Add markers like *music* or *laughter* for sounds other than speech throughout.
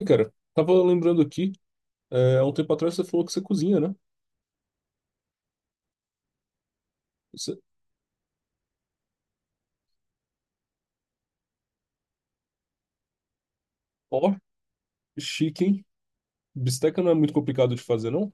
E, cara, tava lembrando aqui, há um tempo atrás você falou que você cozinha, né? Você... Ó, chique, hein? Bisteca não é muito complicado de fazer, não?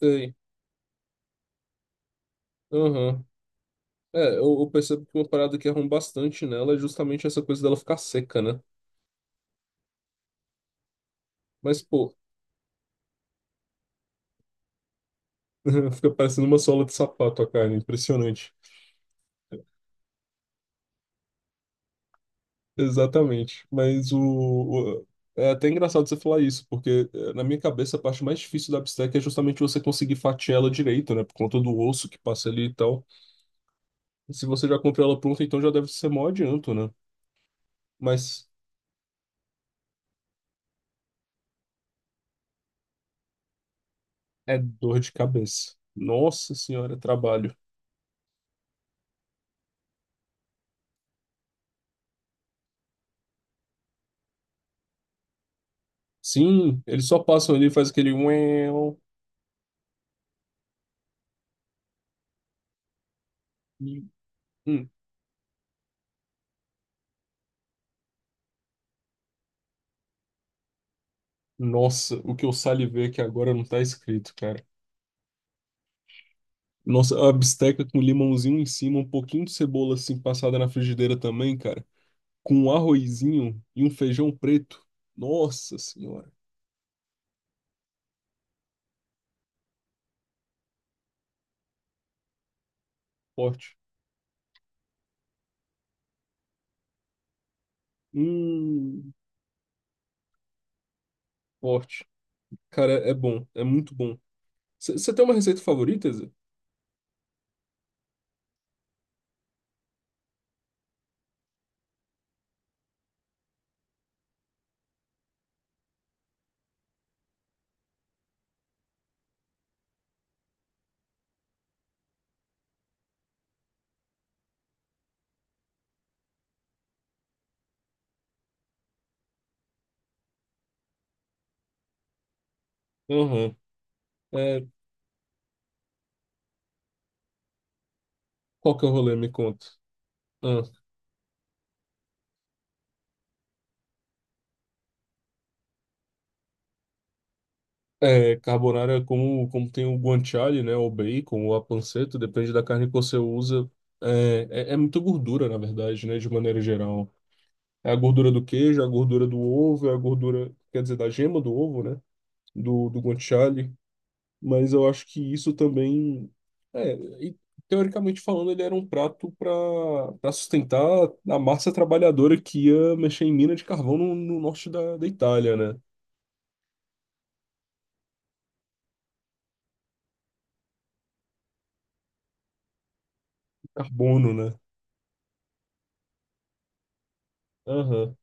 Sei. Aham. Eu percebo que uma parada que arruma bastante nela é justamente essa coisa dela ficar seca, né? Mas, pô, *laughs* fica parecendo uma sola de sapato a carne, impressionante. Exatamente. O- É até engraçado você falar isso, porque na minha cabeça a parte mais difícil da bisteca é justamente você conseguir fatiar ela direito, né? Por conta do osso que passa ali e tal. Se você já comprou ela pronta, então já deve ser maior adianto, né? Mas é dor de cabeça. Nossa senhora, é trabalho. Sim, eles só passam ali e faz aquele uéu. e, hum, Nossa, o que eu salivei aqui agora não tá escrito, cara. Nossa, a bisteca com limãozinho em cima, um pouquinho de cebola assim passada na frigideira também, cara. Com um arrozinho e um feijão preto. Nossa senhora, forte. Hum, Forte. Cara, é bom, é muito bom. Você tem uma receita favorita, Zé? Aham. É, qual que é o rolê? Me conta. Ah, é, carbonara, é como, como tem o guanciale, né? O bacon, o a panceta, depende da carne que você usa. É muita gordura, na verdade, né? De maneira geral. É a gordura do queijo, é a gordura do ovo, é a gordura, quer dizer, da gema do ovo, né? Do guanciale. Mas eu acho que isso também. É, e, Teoricamente falando, ele era um prato para para sustentar a massa trabalhadora que ia mexer em mina de carvão no norte da Itália, né? Carbono, né? Aham.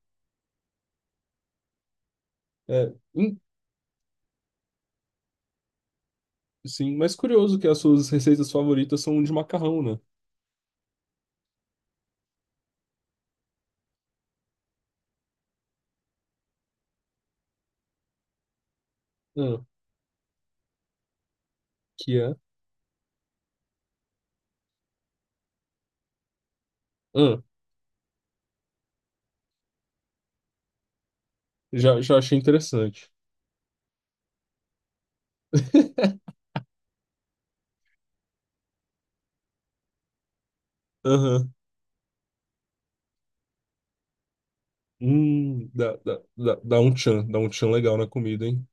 É, hum, sim, mas curioso que as suas receitas favoritas são de macarrão, né? Ah, que é? Ah, já, já achei interessante. Aham. Dá, dá, dá, dá um tchan legal na comida, hein?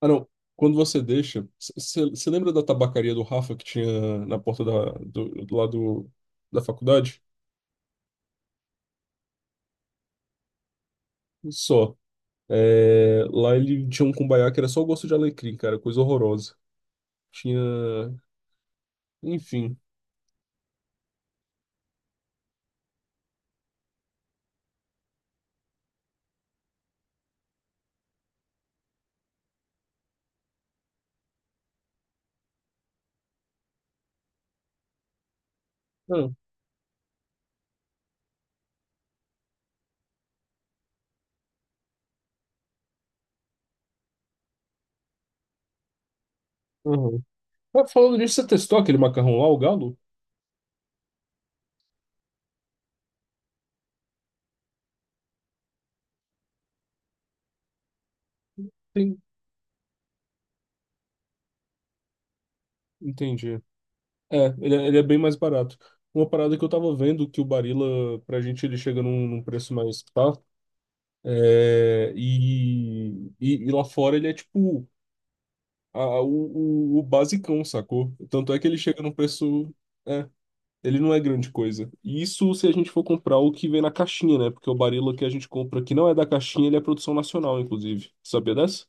Ah, não. Quando você deixa, você lembra da tabacaria do Rafa que tinha na porta do lado da faculdade? Só. É, lá ele tinha um cumbaiá que era só o gosto de alecrim, cara, coisa horrorosa. Tinha, enfim. Ah, aham. Mas falando nisso, você testou aquele macarrão lá, o galo? Sim, entendi. Ele é bem mais barato. Uma parada que eu tava vendo que o Barilla, pra gente, ele chega num preço mais tá? E lá fora ele é tipo o basicão, sacou? Tanto é que ele chega num preço. É, ele não é grande coisa. E isso se a gente for comprar o que vem na caixinha, né? Porque o Barilla que a gente compra que não é da caixinha, ele é produção nacional, inclusive. Sabia dessa?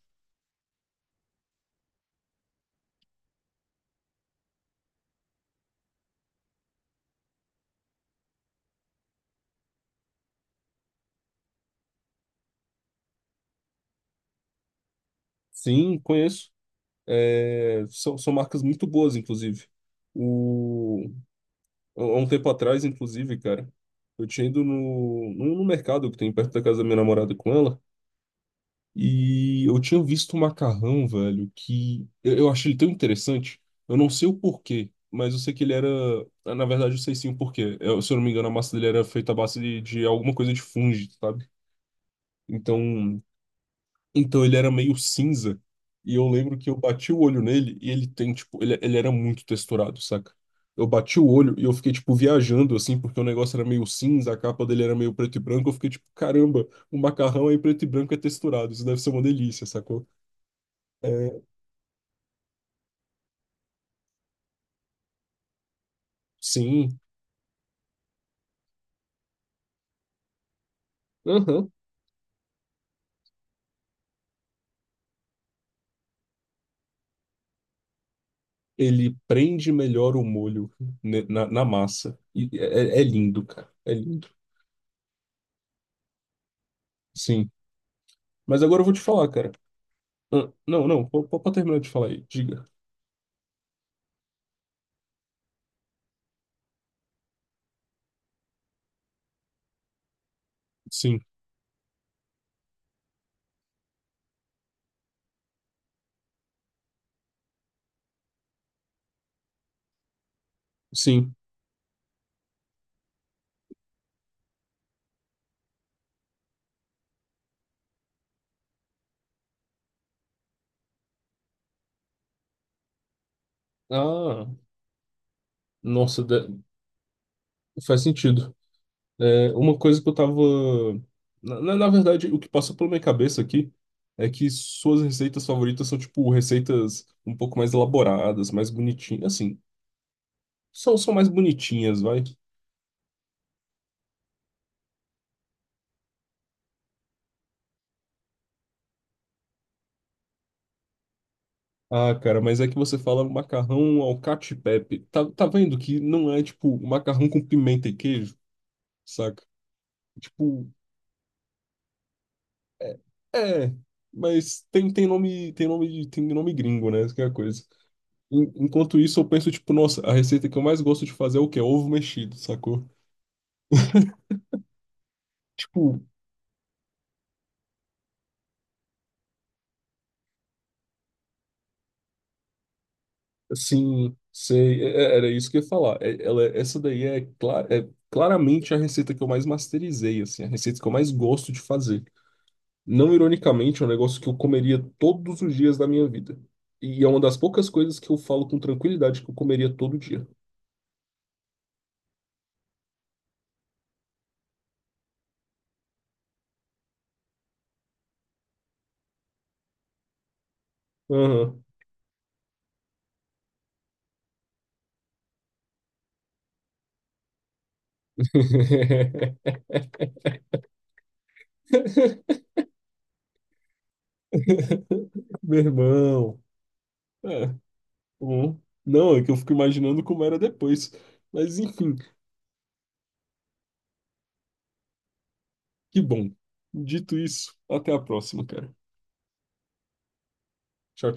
Sim, conheço. São marcas muito boas, inclusive. O, Há um tempo atrás, inclusive, cara, eu tinha ido no mercado que tem perto da casa da minha namorada com ela, e eu tinha visto um macarrão, velho, que eu achei ele tão interessante. Eu não sei o porquê, mas eu sei que ele era. Na verdade, eu sei sim o porquê. Eu, se eu não me engano, a massa dele era feita à base de alguma coisa de fungo, sabe? Então. Então ele era meio cinza. E eu lembro que eu bati o olho nele e ele tem, tipo, ele era muito texturado, saca? Eu bati o olho e eu fiquei, tipo, viajando, assim, porque o negócio era meio cinza, a capa dele era meio preto e branco. Eu fiquei, tipo, caramba, o macarrão aí preto e branco é texturado, isso deve ser uma delícia, sacou? É, sim. Aham. Ele prende melhor o molho na massa. E é, é é lindo, cara. É lindo. Sim. Mas agora eu vou te falar, cara. Ah, não, não, pode terminar de falar aí. Diga. Sim, sim. Ah, nossa, de- faz sentido. É, uma coisa que eu tava. Na verdade, o que passa pela minha cabeça aqui é que suas receitas favoritas são, tipo, receitas um pouco mais elaboradas, mais bonitinhas. Assim, são mais bonitinhas, vai. Ah, cara, mas é que você fala macarrão ao cacio e pepe. Tá vendo que não é, tipo, macarrão com pimenta e queijo, saca? Tipo, é, mas tem, tem nome, tem nome gringo, né? Essa que é a coisa. Enquanto isso, eu penso, tipo, nossa, a receita que eu mais gosto de fazer é o quê? Ovo mexido, sacou? Tipo, assim, sei, era isso que eu ia falar. Essa daí é, é claramente a receita que eu mais masterizei, assim, a receita que eu mais gosto de fazer. Não ironicamente, é um negócio que eu comeria todos os dias da minha vida. E é uma das poucas coisas que eu falo com tranquilidade que eu comeria todo dia. Aham. *laughs* Meu irmão. É. Uhum. Não, é que eu fico imaginando como era depois. Mas enfim, que bom. Dito isso, até a próxima, cara. Tchau.